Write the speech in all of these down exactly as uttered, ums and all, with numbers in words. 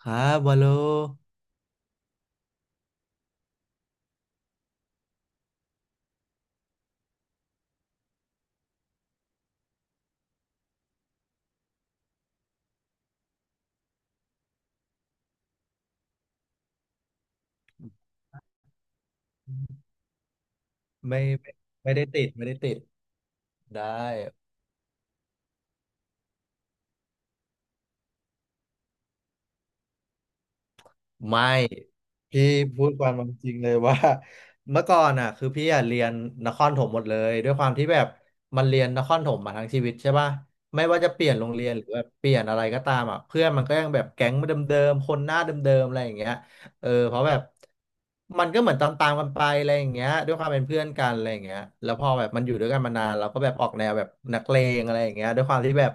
ครับวอลโลไม่ไม่ไม่ได้ติดไม่ได้ติดได้ ไม่พี่พูดความเป็นจริงเลยว่า เมื่อก่อนอ่ะคือพี่อ่ะเรียนนครถมหมดเลยด้วยความที่แบบมันเรียนนครถมมาทั้งชีวิตใช่ป่ะไม่ว่าจะเปลี่ยนโรงเรียนหรือแบบเปลี่ยนอะไรก็ตามอ่ะเพื่อนมันก็ยังแบบแก๊งเดิมๆคนหน้าเดิมๆอะไรอย่างเงี้ยเออเพราะแบบมันก็เหมือนตามๆกันไปอะไรอย่างเงี้ยด้วยความเป็นเพื่อนกันอะไรอย่างเงี้ยแล้วพอแบบมันอยู่ด้วยกันมานานเราก็แบบออกแนวแบบนักเลงอะไรอย่างเงี้ยด้วยความที่แบบ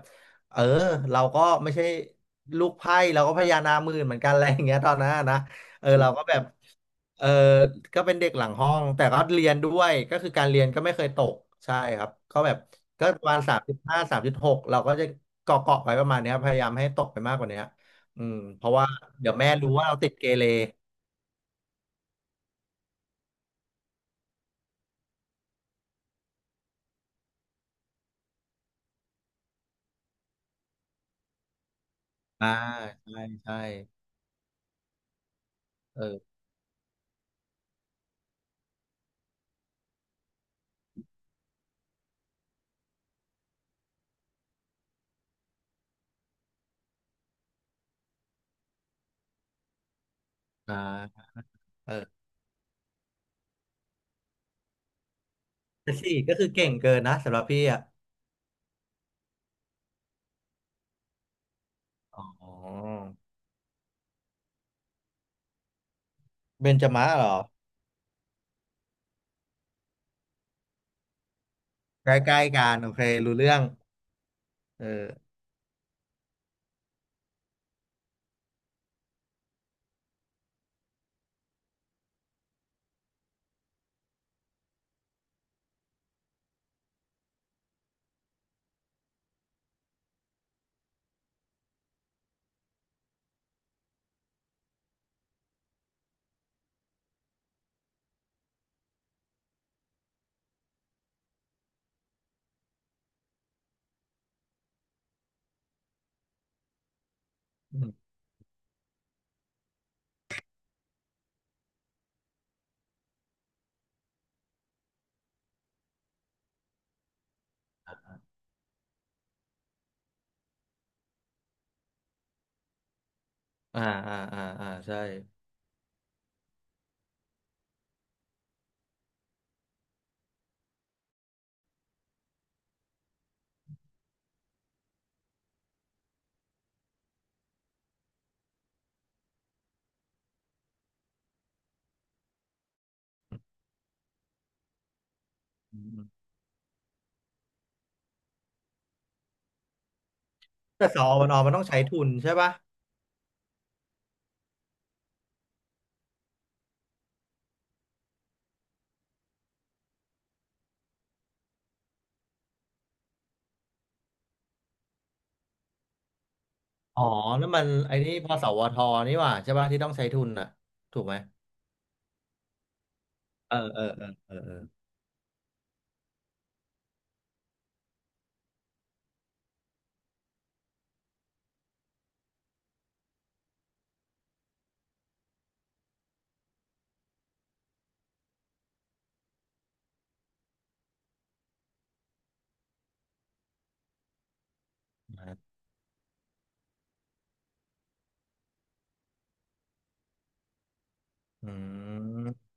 เออเราก็ไม่ใช่ลูกไพ่เราก็พญานาคหมื่นเหมือนกัน อะไรอย่างเงี้ยตอนนั้นนะเออเราก็แบบเออก็เป็นเด็กหลังห้องแต่ก็เรียนด้วยก็คือการเรียนก็ไม่เคยตกใช่ครับก็แบบก็ประมาณสามจุดห้าสามจุดหกเราก็จะเกาะเกาะไว้ประมาณเนี้ยพยายามให้ตกไปมากกว่าเนี้ยอืมเพราะว่าเดี๋ยวแม่รู้ว่าเราติดเกเรอ่าใช่ใช่เอออ่าเออแต่สี่ก็คือเก่งเกินนะสำหรับพี่อ่ะอ๋อเบนจมะเหรอ ใกล้ๆกันโอเครู้เรื่องเอออืมอ่าอ่าอ่าอ่าใช่อืมแต่สอวนอมันต้องใช้ทุนใช่ป่ะอ๋อนั่นมันไอ้นี่พสวทนี่หว่าใช่ป่ะที่ต้องใช้ทุนอ่ะถูกไหมเออเออเออเออเออนะอืม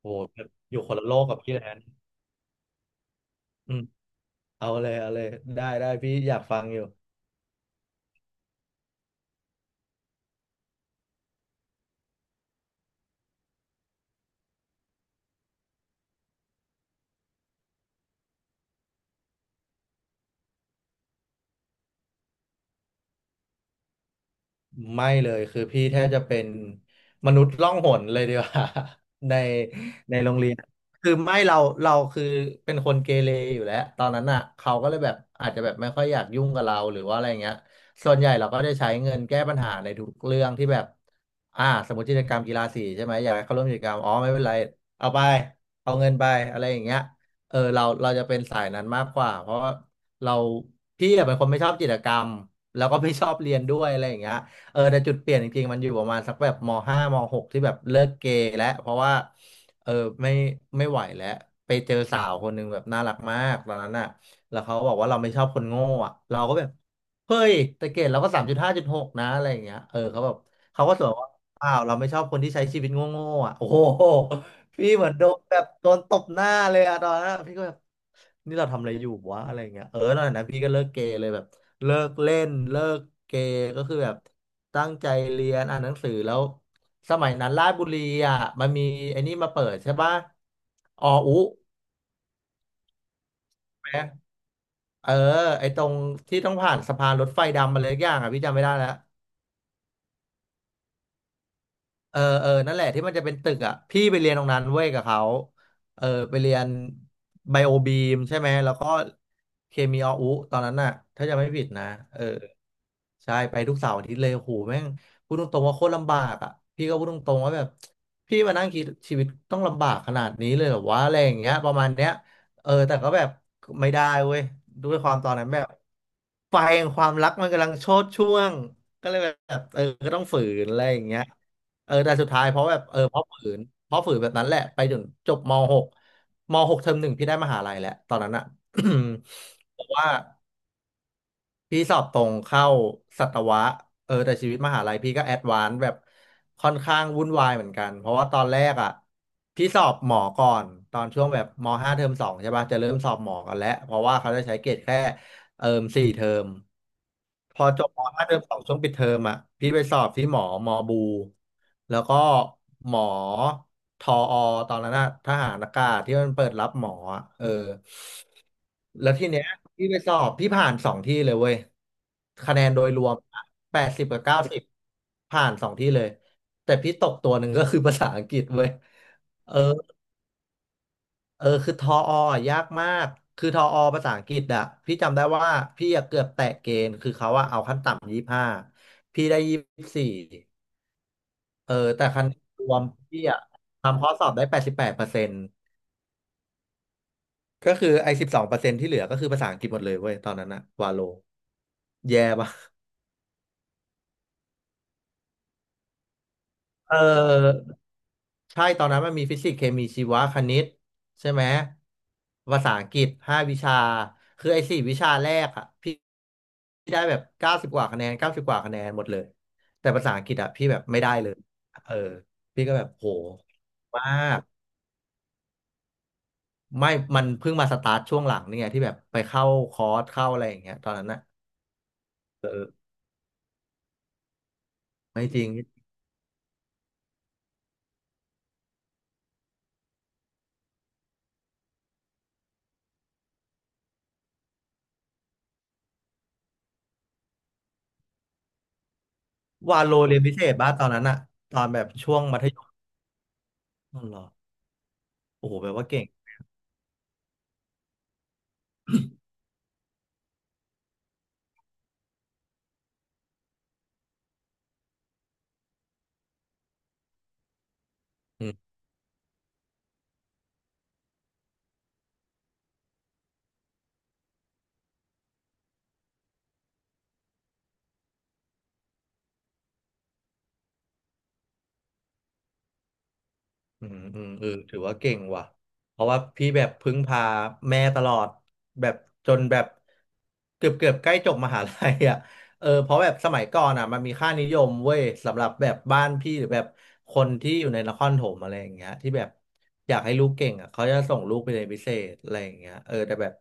โหอยู่คนละโลกกับพี่แล้วอืมเอาเลยเอาเลยได้ได้พี่อยากฟังอยู่ ไม่เลยคือพี่แทบจะเป็นมนุษย์ล่องหนเลยดีกว่า ในในโรงเรียนคือไม่เราเราคือเป็นคนเกเรอยู่แล้วตอนนั้นอ่ะเขาก็เลยแบบอาจจะแบบไม่ค่อยอยากยุ่งกับเราหรือว่าอะไรเงี้ยส่วนใหญ่เราก็จะใช้เงินแก้ปัญหาในทุกเรื่องที่แบบอ่าสมมติกิจกรรมกีฬาสีใช่ไหมอยากให้เขาร่วมกิจกรรมอ๋อไม่เป็นไรเอาไปเอาเงินไปอะไรอย่างเงี้ยเออเราเราจะเป็นสายนั้นมากกว่าเพราะว่าเราพี่อะเป็นคนไม่ชอบกิจกรรมแล้วก็ไม่ชอบเรียนด้วยอะไรอย่างเงี้ย เออแต่จุดเปลี่ยนจริงๆมันอยู่ประมาณสักแบบมห้ามหกที่แบบเลิกเกย์แล้วเพราะว่าเออไม่ไม่ไหวแล้วไปเจอสาวคนหนึ่งแบบน่ารักมากตอนนั้นอ่ะแล้วเขาบอกว่าเราไม่ชอบคนโง่อ่ะเราก็แบบเฮ้ยแต่เกรดเราก็สามจุดห้าจุดหกนะอะไรอย่างเงี้ยเออเขาแบบเขาก็สวนว่าอ้าวเราไม่ชอบคนที่ใช้ชีวิตโง่ๆอ่ะโอ้โห พี่เหมือนโดนแบบโดนตบหน้าเลยอะตอนนั้นอะพี่ก็แบบนี่เราทำอะไรอยู่วะอะไรเงี้ยเออตอนนั้นพี่ก็เลิกเกเรเลยแบบเลิกเล่นเลิกเกเรก็คือแบบตั้งใจเรียนอ่านหนังสือแล้วสมัยนั้นราชบุรีอ่ะมันมีไอ้นี่มาเปิดใช่ปะอออุไหมเออไอ้ตรงที่ต้องผ่านสะพานรถไฟดำมาเลยอย่างอ่ะพี่จำไม่ได้แล้ว เออเออนั่นแหละที่มันจะเป็นตึกอ่ะพี่ไปเรียนตรงนั้นเว้ยกับเขาเออไปเรียนไบโอบีมใช่ไหมแล้วก็เคมีออุตอนนั้นน่ะถ้าจะไม่ผิดนะเออใช่ไปทุกเสาร์อาทิตย์เลยโหแม่งพูดตรงๆว่าโคตรลำบากอ่ะพี่ก็พูดตรงๆว่าแบบพี่มานั่งคิดชีวิตต้องลำบากขนาดนี้เลยเหรอวะอะไรอย่างเงี้ยประมาณเนี้ยเออแต่ก็แบบไม่ได้เว้ยด้วยความตอนนั้นแบบไฟแห่งความรักมันกำลังโชติช่วงก็เลยแบบเออก็ต้องฝืนอะไรอย่างเงี้ย เออแต่สุดท้ายเพราะแบบเออเพราะฝืนเพราะฝืนแบบนั้นแหละไปถึงจบมหกมหกเทอมหนึ่งพี่ได้มหาลัยแหละตอนนั้นอะ เพราะว่าพี่สอบตรงเข้าสัตวะเออแต่ชีวิตมหาลัยพี่ก็แอดวานซ์แบบค่อนข้างวุ่นวายเหมือนกันเพราะว่าตอนแรกอะพี่สอบหมอก่อนตอนช่วงแบบมห้าเทอมสองใช่ป่ะจะเริ่มสอบหมอกันแล้วเพราะว่าเขาจะใช้เกรดแค่ เอิมสี่เทอมพอจบมห้าเทอมสองช่วงปิดเทอมอ่ะพี่ไปสอบที่หมอมอบูแล้วก็หมอทออตอนนั้นนะทหารอากาศที่มันเปิดรับหมออะเออแล้วทีเนี้ยพี่ไปสอบพี่ผ่านสองที่เลยเว้ยคะแนนโดยรวมแปดสิบกับเก้าสิบผ่านสองที่เลยแต่พี่ตกตัวหนึ่งก็คือภาษาอังกฤษเว้ยเออ เออคือทออะยากมากคือทออภาษาอังกฤษอะพี่จำได้ว่าพี่อะเกือบแตะเกณฑ์คือเขาอะเอาขั้นต่ำยี่ห้าพี่ได้ยี่สี่เออแต่คะแนนรวมพี่อะทำข้อสอบได้แปดสิบแปดเปอร์เซ็นต์ก็คือไอ้สิบสองเปอร์เซ็นต์ที่เหลือก็คือภาษาอังกฤษหมดเลยเว้ยตอนนั้นอะวาโลแย่ปะเออ ใช่ตอนนั้นมันมีฟิสิกส์เคมีชีวะคณิตใช่ไหมภาษาอังกฤษห้าวิชาคือไอ้สี่วิชาแรกอะพี่พี่ได้แบบเก้าสิบกว่าคะแนนเก้าสิบกว่าคะแนนหมดเลยแต่ภาษาอังกฤษอะพี่แบบไม่ได้เลยเออพี่ก็แบบโหมากไม่มันเพิ่งมาสตาร์ทช่วงหลังนี่ไงที่แบบไปเข้าคอร์สเข้าอะไรอย่างเงี้ยตอนนั้นอะไม่จริงวาโลเรียนพิเศษบ้าตอนนั้นอะตอนแบบช่วงมัธยมอ๋อเหรอโอ้โหแปลว่าเก่งอื อืมอืมเออถือว่าเก่งว่ะเพราะว่าพี่แบบพึ่งพาแม่ตลอดแบบจนแบบเกือบเกือบใกล้จบมหาลัยอ่ะเออเพราะแบบสมัยก่อนอ่ะมันมีค่านิยมเว้ยสำหรับแบบบ้านพี่หรือแบบคนที่อยู่ในนครปฐมอะไรอย่างเงี้ยที่แบบอยากให้ลูกเก่งอ่ะเขาจะส่งลูกไปเรียนพิเศษอะไรอย่างเงี้ยเออแต่แบบ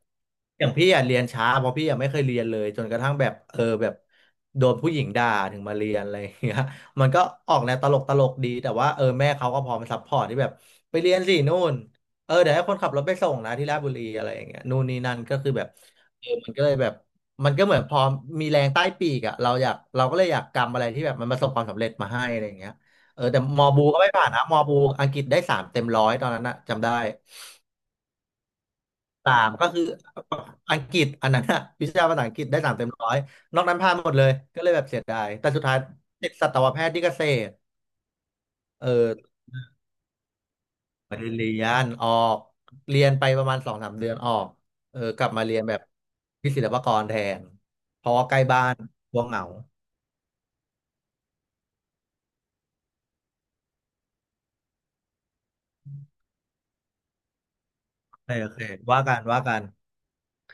อย่างพี่อ่ะเรียนช้าเพราะพี่อ่ะไม่เคยเรียนเลยจนกระทั่งแบบเออแบบโดนผู้หญิงด่าถึงมาเรียนอะไรอย่างเงี้ย มันก็ออกแนวตลกตลกดีแต่ว่าเออแม่เขาก็พร้อมซัพพอร์ตที่แบบไปเรียนสินู่นเออเดี๋ยวให้คนขับรถไปส่งนะที่ราชบุรีอะไรอย่างเงี้ยนู่นนี่นั่นก็คือแบบเออมันก็เลยแบบมันก็เหมือนพอมีแรงใต้ปีกอะเราอยากเราก็เลยอยากกำอะไรที่แบบมันประสบความสำเร็จมาให้อะไรอย่างเงี้ยเออแต่มอบูก็ไม่ผ่านนะมอบูอังกฤษได้สามเต็มร้อยตอนนั้นนะจำได้สามก็คืออังกฤษอันนั้นอะวิชาภาษาอังกฤษได้สามเต็มร้อยนอกนั้นผ่านหมดเลยก็เลยแบบเสียดายแต่สุดท้ายติดสัตวแพทย์ที่เกษตรเออ ไมเรียนออกเรียนไปประมาณสองสามเดือนออกเออกลับมาเรียนแบบที่ศิลปากรแทนเพราะว่าใกล้บ้านกลัวเหงาโอเคโอเคว่ากันว่ากันโอเค